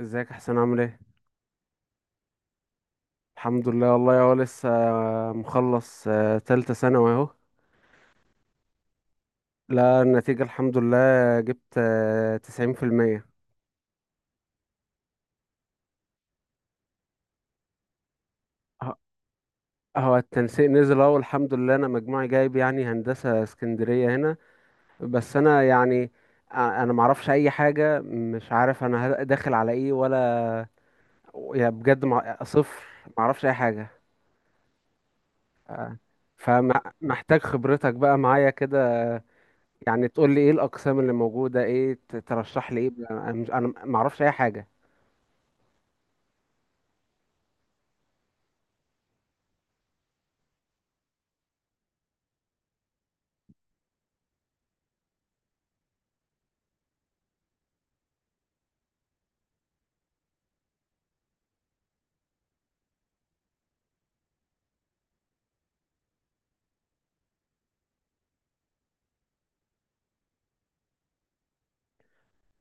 ازيك يا حسين، عامل ايه؟ الحمد لله. والله هو لسه مخلص، تالتة ثانوي اهو. لا، النتيجة الحمد لله. جبت 90%. هو التنسيق نزل اهو، الحمد لله. انا مجموعي جايب يعني هندسة اسكندرية هنا. بس انا يعني انا معرفش اي حاجة. مش عارف انا داخل على ايه، ولا يعني بجد صفر. معرفش اي حاجة. فمحتاج خبرتك بقى معايا كده، يعني تقول لي ايه الاقسام اللي موجوده، ايه ترشح لي. ايه، انا ما اعرفش اي حاجه.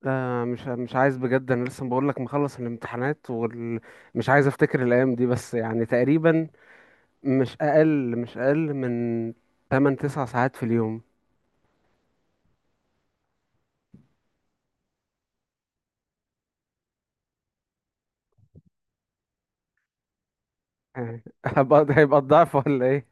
لا، مش عايز بجد. انا لسه بقول لك، مخلص الامتحانات ومش عايز افتكر الايام دي. بس يعني تقريبا مش اقل من 8 9 ساعات في اليوم. يعني هيبقى الضعف ولا ايه؟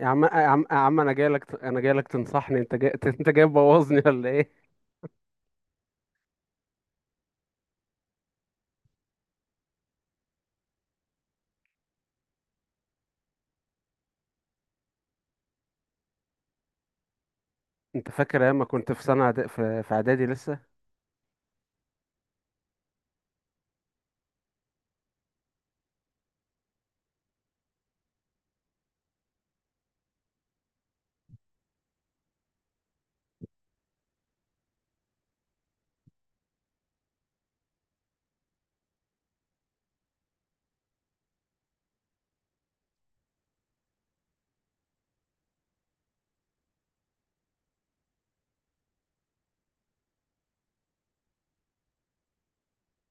يا عم يا عم يا عم، انا جاي لك انا جاي لك تنصحني؟ انت جاي انت جاي تبوظني ولا ايه؟ انت فاكر ايام ما كنت في سنه في اعدادي لسه؟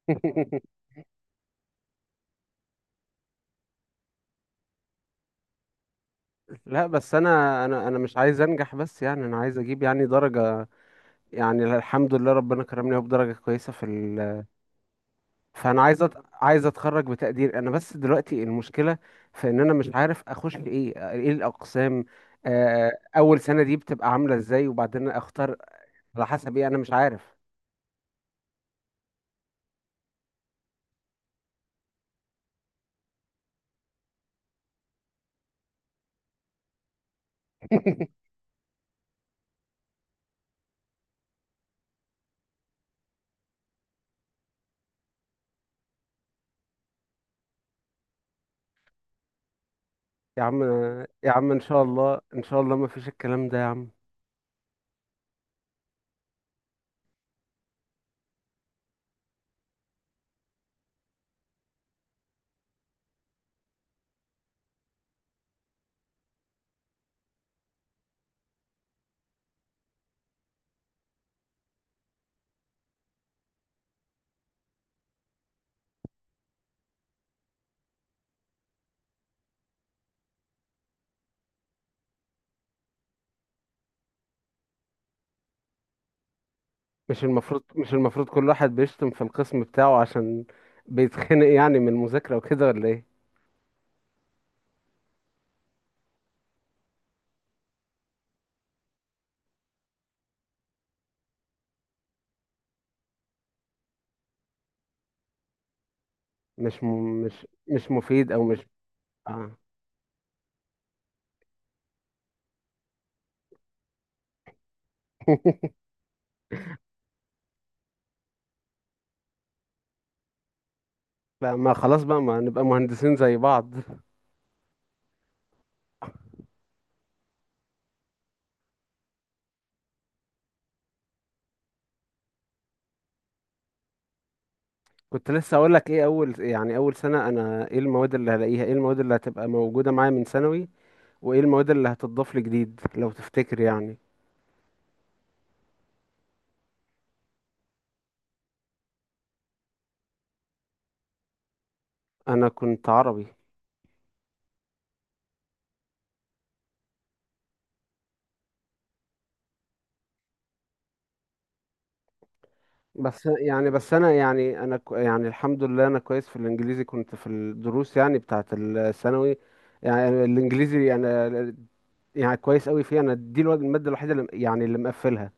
لا، بس انا مش عايز انجح بس، يعني انا عايز اجيب يعني درجة. يعني الحمد لله ربنا كرمني أهو بدرجة كويسة في ال، فانا عايز عايز اتخرج بتقدير. انا بس دلوقتي المشكلة في ان انا مش عارف اخش ايه الاقسام. آه، اول سنة دي بتبقى عاملة ازاي وبعدين اختار على حسب ايه، انا مش عارف. يا عم، يا عم ان شاء الله، ان شاء الله ما فيش الكلام ده يا عم. مش المفروض كل واحد بيشتم في القسم بتاعه عشان بيتخنق يعني من المذاكرة وكده ولا ايه؟ مش م... مش مفيد، او مش آه. لا، ما خلاص بقى، ما نبقى مهندسين زي بعض. كنت لسه اقول لك ايه، اول يعني اول سنة انا ايه المواد اللي هلاقيها، ايه المواد اللي هتبقى موجودة معايا من ثانوي، وايه المواد اللي هتضاف لي جديد لو تفتكر يعني. انا كنت عربي. بس انا يعني انا كو- يعني الحمد لله انا كويس في الانجليزي، كنت في الدروس يعني بتاعة الثانوي. يعني الانجليزي انا يعني كويس قوي فيه، انا دي المادة الوحيدة اللي مقفلها.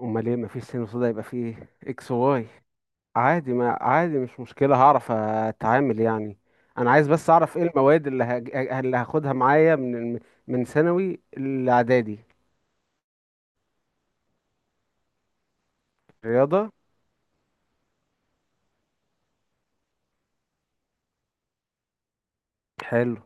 امال ايه؟ مفيش سين وصودا، يبقى فيه اكس واي. عادي، ما عادي، مش مشكلة، هعرف اتعامل يعني. انا عايز بس اعرف ايه المواد اللي هاخدها معايا من ثانوي الاعدادي. رياضة. حلو.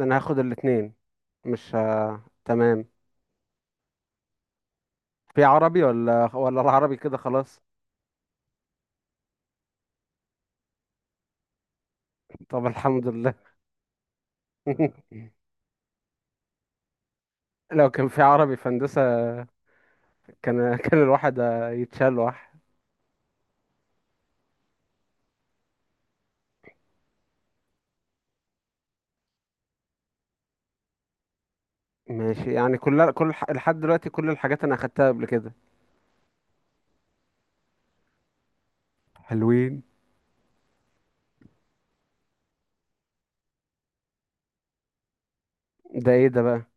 انا هاخد الاتنين. مش ه... تمام. في عربي ولا العربي كده خلاص؟ طب الحمد لله. لو كان في عربي في هندسة، كان الواحد يتشال واحد. ماشي، يعني لحد دلوقتي كل الحاجات انا اخدتها قبل كده. حلوين. ده ايه ده بقى؟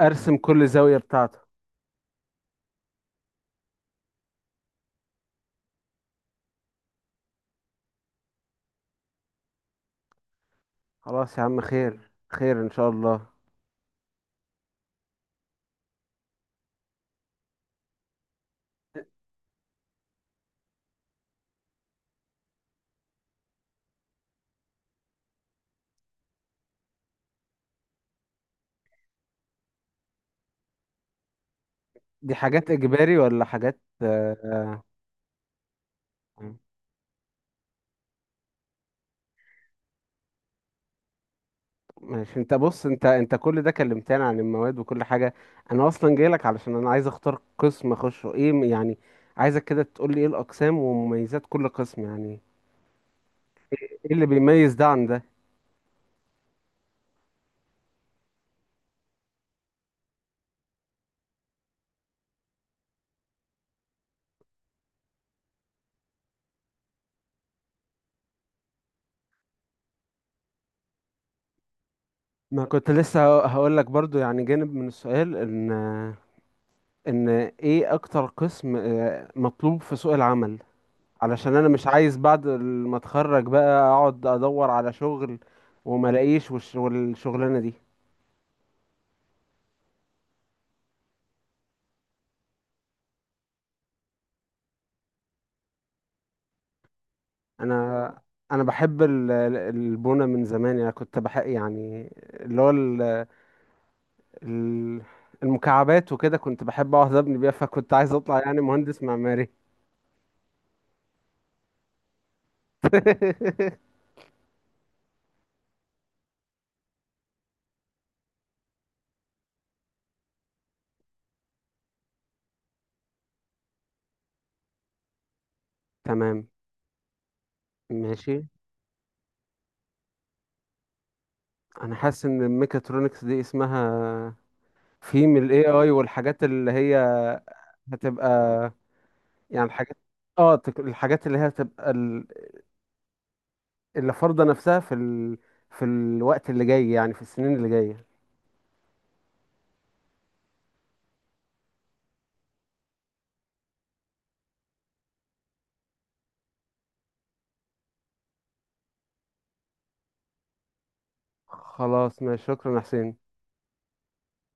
ارسم كل زاوية بتاعته. خلاص يا عم، خير خير ان شاء الله. دي حاجات اجباري ولا حاجات؟ آه، ماشي. انت بص، انت كل ده كلمتني عن المواد وكل حاجة. انا اصلا جايلك علشان انا عايز اختار قسم اخشه، يعني عايزك كده تقول لي ايه الاقسام ومميزات كل قسم، يعني ايه اللي بيميز ده عن ده. ما كنت لسه هقول لك برضو يعني جانب من السؤال، ان ايه اكتر قسم مطلوب في سوق العمل، علشان انا مش عايز بعد ما اتخرج بقى اقعد ادور على شغل وما الاقيش، والشغلانه دي. انا اه انا بحب البونه من زمان. انا كنت بحب يعني اللي هو ال- المكعبات وكده، كنت بحب اقعد ابني بيها، فكنت عايز اطلع يعني مهندس معماري. تمام. ماشي. انا حاسس ان الميكاترونكس دي اسمها في من الاي اي والحاجات اللي هي هتبقى. يعني الحاجات اه، الحاجات اللي هي هتبقى، اللي فرضة نفسها في الوقت اللي جاي، يعني في السنين اللي جاية. خلاص، ماشي، شكرا يا حسين.